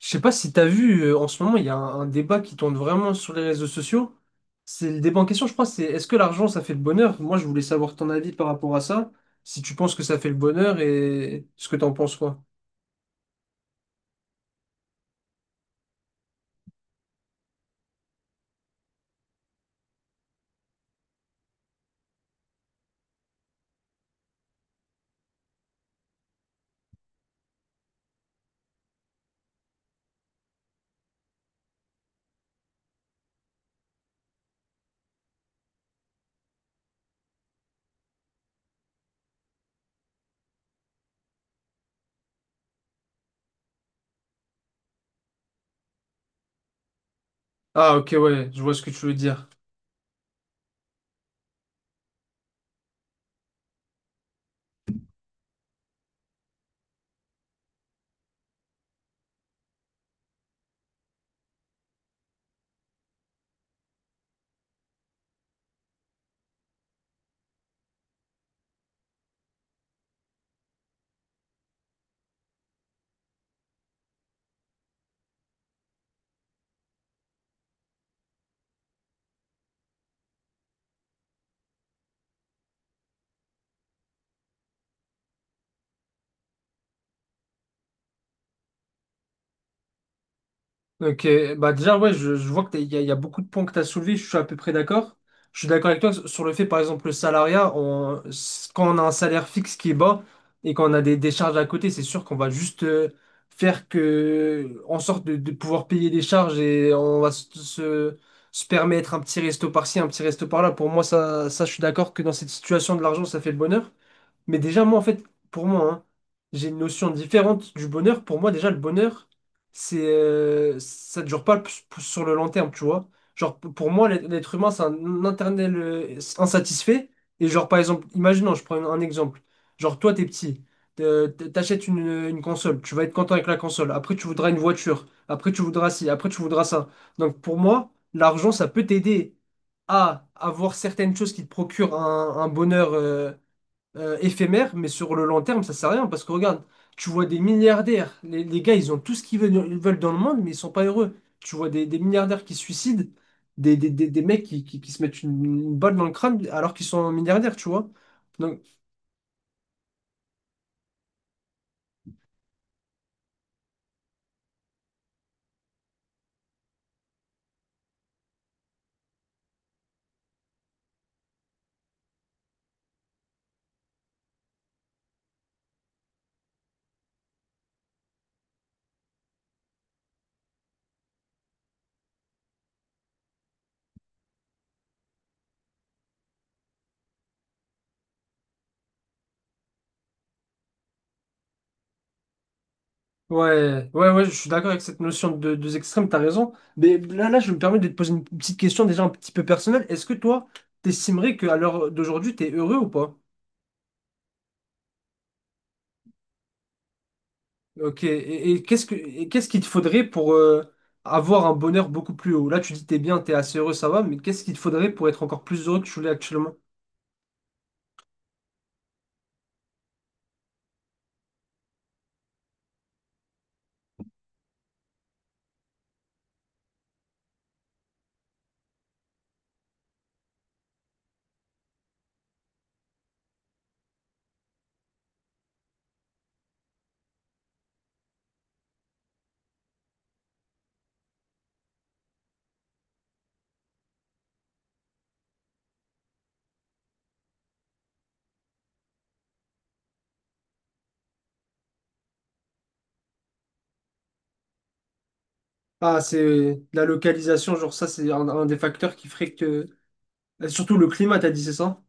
Je sais pas si t'as vu, en ce moment, il y a un débat qui tourne vraiment sur les réseaux sociaux. C'est le débat en question, je crois, c'est est-ce que l'argent, ça fait le bonheur? Moi, je voulais savoir ton avis par rapport à ça. Si tu penses que ça fait le bonheur et ce que t'en penses, quoi. Ah, ok, ouais, je vois ce que tu veux dire. Ok, bah déjà, ouais, je vois qu'il y a, beaucoup de points que tu as soulevés, je suis à peu près d'accord. Je suis d'accord avec toi sur le fait, par exemple, le salariat, quand on a un salaire fixe qui est bas et qu'on a des charges à côté, c'est sûr qu'on va juste faire que, en sorte de pouvoir payer des charges et on va se permettre un petit resto par-ci, un petit resto par-là. Pour moi, je suis d'accord que dans cette situation de l'argent, ça fait le bonheur. Mais déjà, moi, en fait, pour moi, hein, j'ai une notion différente du bonheur. Pour moi, déjà, le bonheur, c'est, ça ne dure pas sur le long terme, tu vois. Genre, pour moi, l'être humain, c'est un internel insatisfait. Et genre, par exemple, imaginons, je prends un exemple. Genre, toi, t'es petit, t'achètes une console, tu vas être content avec la console. Après, tu voudras une voiture. Après, tu voudras ci. Après, tu voudras ça. Donc, pour moi, l'argent, ça peut t'aider à avoir certaines choses qui te procurent un bonheur éphémère, mais sur le long terme, ça sert à rien parce que regarde, tu vois des milliardaires, les gars, ils ont tout ce qu'ils veulent, ils veulent dans le monde, mais ils sont pas heureux. Tu vois des milliardaires qui se suicident, des mecs qui se mettent une balle dans le crâne alors qu'ils sont milliardaires, tu vois. Donc, ouais, ouais, ouais, je suis d'accord avec cette notion de deux extrêmes, t'as raison. Mais là, je me permets de te poser une petite question déjà un petit peu personnelle. Est-ce que toi, t'estimerais qu'à l'heure d'aujourd'hui, t'es heureux ou pas? Ok, et qu'est-ce qu'il te faudrait pour avoir un bonheur beaucoup plus haut? Là, tu dis t'es bien, t'es assez heureux, ça va, mais qu'est-ce qu'il te faudrait pour être encore plus heureux que tu l'es actuellement? Ah, c'est la localisation, genre ça, c'est un des facteurs qui ferait que. Surtout le climat, t'as dit, c'est ça?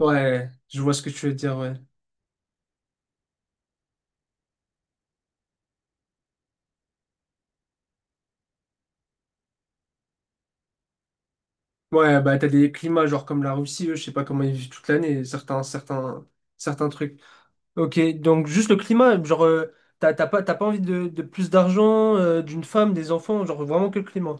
Ouais, je vois ce que tu veux dire, ouais. Ouais, bah t'as des climats, genre comme la Russie, eux, je sais pas comment ils vivent toute l'année, certains trucs. Ok, donc juste le climat, genre, t'as pas envie de plus d'argent, d'une femme, des enfants, genre vraiment que le climat.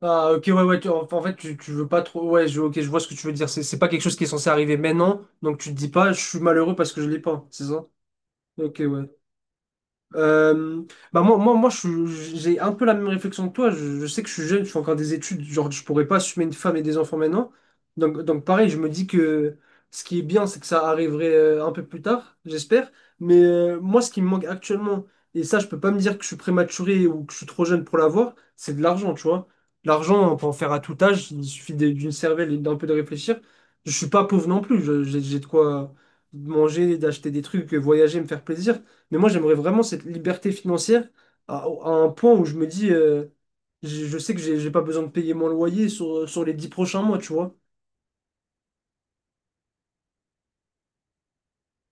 Ah, ok, ouais, ouais, en fait, tu veux pas trop. Ouais, ok, je vois ce que tu veux dire. C'est pas quelque chose qui est censé arriver maintenant, donc tu te dis pas, je suis malheureux parce que je l'ai pas, c'est ça? Ok, ouais. Euh, Bah moi, j'ai un peu la même réflexion que toi. Je sais que je suis jeune, je fais encore des études. Genre, je pourrais pas assumer une femme et des enfants maintenant. Donc, pareil, je me dis que ce qui est bien, c'est que ça arriverait un peu plus tard, j'espère. Mais moi, ce qui me manque actuellement, et ça, je peux pas me dire que je suis prématuré ou que je suis trop jeune pour l'avoir, c'est de l'argent, tu vois. L'argent, on peut en faire à tout âge. Il suffit d'une cervelle et d'un peu de réfléchir. Je suis pas pauvre non plus. J'ai de quoi manger, d'acheter des trucs, voyager, me faire plaisir. Mais moi, j'aimerais vraiment cette liberté financière à un point où je me dis, je sais que j'ai pas besoin de payer mon loyer sur les 10 prochains mois, tu vois.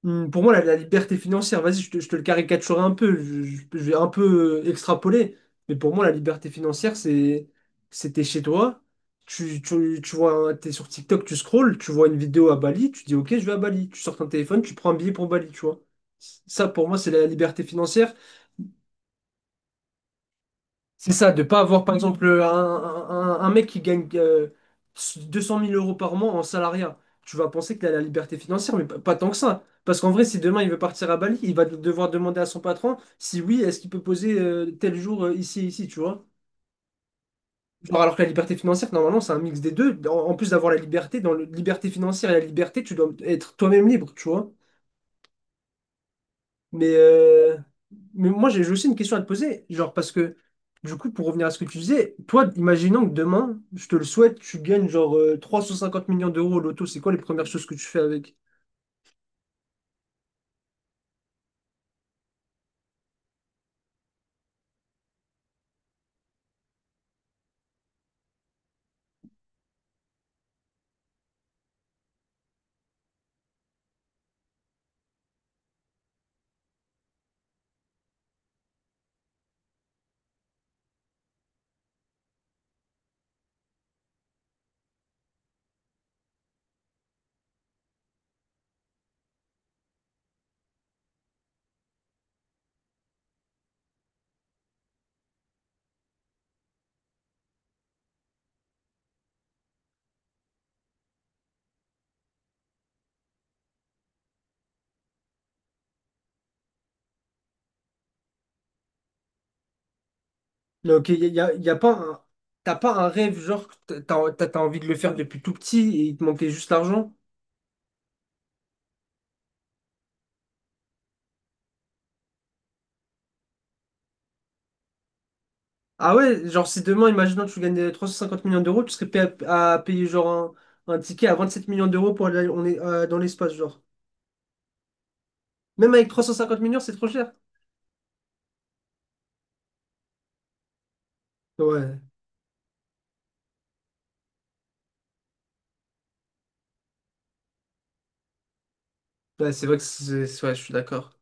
Pour moi, la liberté financière, vas-y, je te le caricaturerai un peu, je vais un peu extrapoler, mais pour moi, la liberté financière, c'est t'es chez toi, tu vois, t'es sur TikTok, tu scrolles, tu vois une vidéo à Bali, tu dis, ok, je vais à Bali, tu sors ton téléphone, tu prends un billet pour Bali, tu vois. Ça, pour moi, c'est la liberté financière. C'est ça, de pas avoir par exemple un mec qui gagne 200 000 euros par mois en salariat. Tu vas penser qu'il a la liberté financière, mais pas tant que ça. Parce qu'en vrai, si demain il veut partir à Bali, il va devoir demander à son patron si oui, est-ce qu'il peut poser tel jour ici, tu vois. Genre, alors que la liberté financière, normalement, c'est un mix des deux. En plus d'avoir la liberté, dans la liberté financière et la liberté, tu dois être toi-même libre, tu vois. Mais, euh, mais moi, j'ai aussi une question à te poser. Genre, parce que, du coup, pour revenir à ce que tu disais, toi, imaginons que demain, je te le souhaite, tu gagnes genre 350 millions d'euros au loto, c'est quoi les premières choses que tu fais avec? Là, ok, y a, y a- y a pas un- t'as pas un rêve, genre, que t'as envie de le faire depuis tout petit et il te manquait juste l'argent? Ah ouais, genre, si demain, imaginons que tu gagnes 350 millions d'euros, tu serais prêt à payer genre un ticket à 27 millions d'euros pour aller dans l'espace, genre. Même avec 350 millions, c'est trop cher. Ouais. Bah, c'est vrai que ouais, je suis d'accord.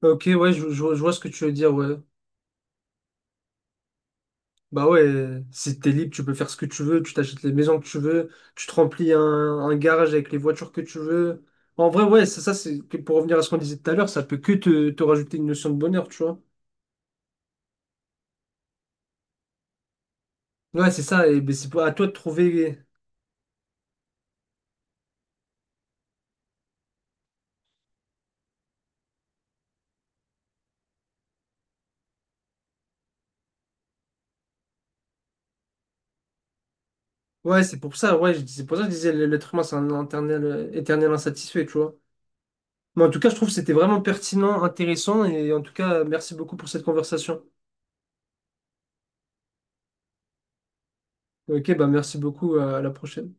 Ok, ouais, je vois ce que tu veux dire, ouais. Bah ouais, si t'es libre, tu peux faire ce que tu veux, tu t'achètes les maisons que tu veux, tu te remplis un garage avec les voitures que tu veux. En vrai, ouais, ça c'est que pour revenir à ce qu'on disait tout à l'heure, ça peut que te rajouter une notion de bonheur, tu vois. Ouais, c'est ça, et ben, à toi de trouver. Ouais, c'est pour ça, ouais, c'est pour ça que je disais l'être humain, c'est un éternel insatisfait, tu vois. Mais en tout cas, je trouve que c'était vraiment pertinent, intéressant, et en tout cas, merci beaucoup pour cette conversation. Ok, bah merci beaucoup, à la prochaine.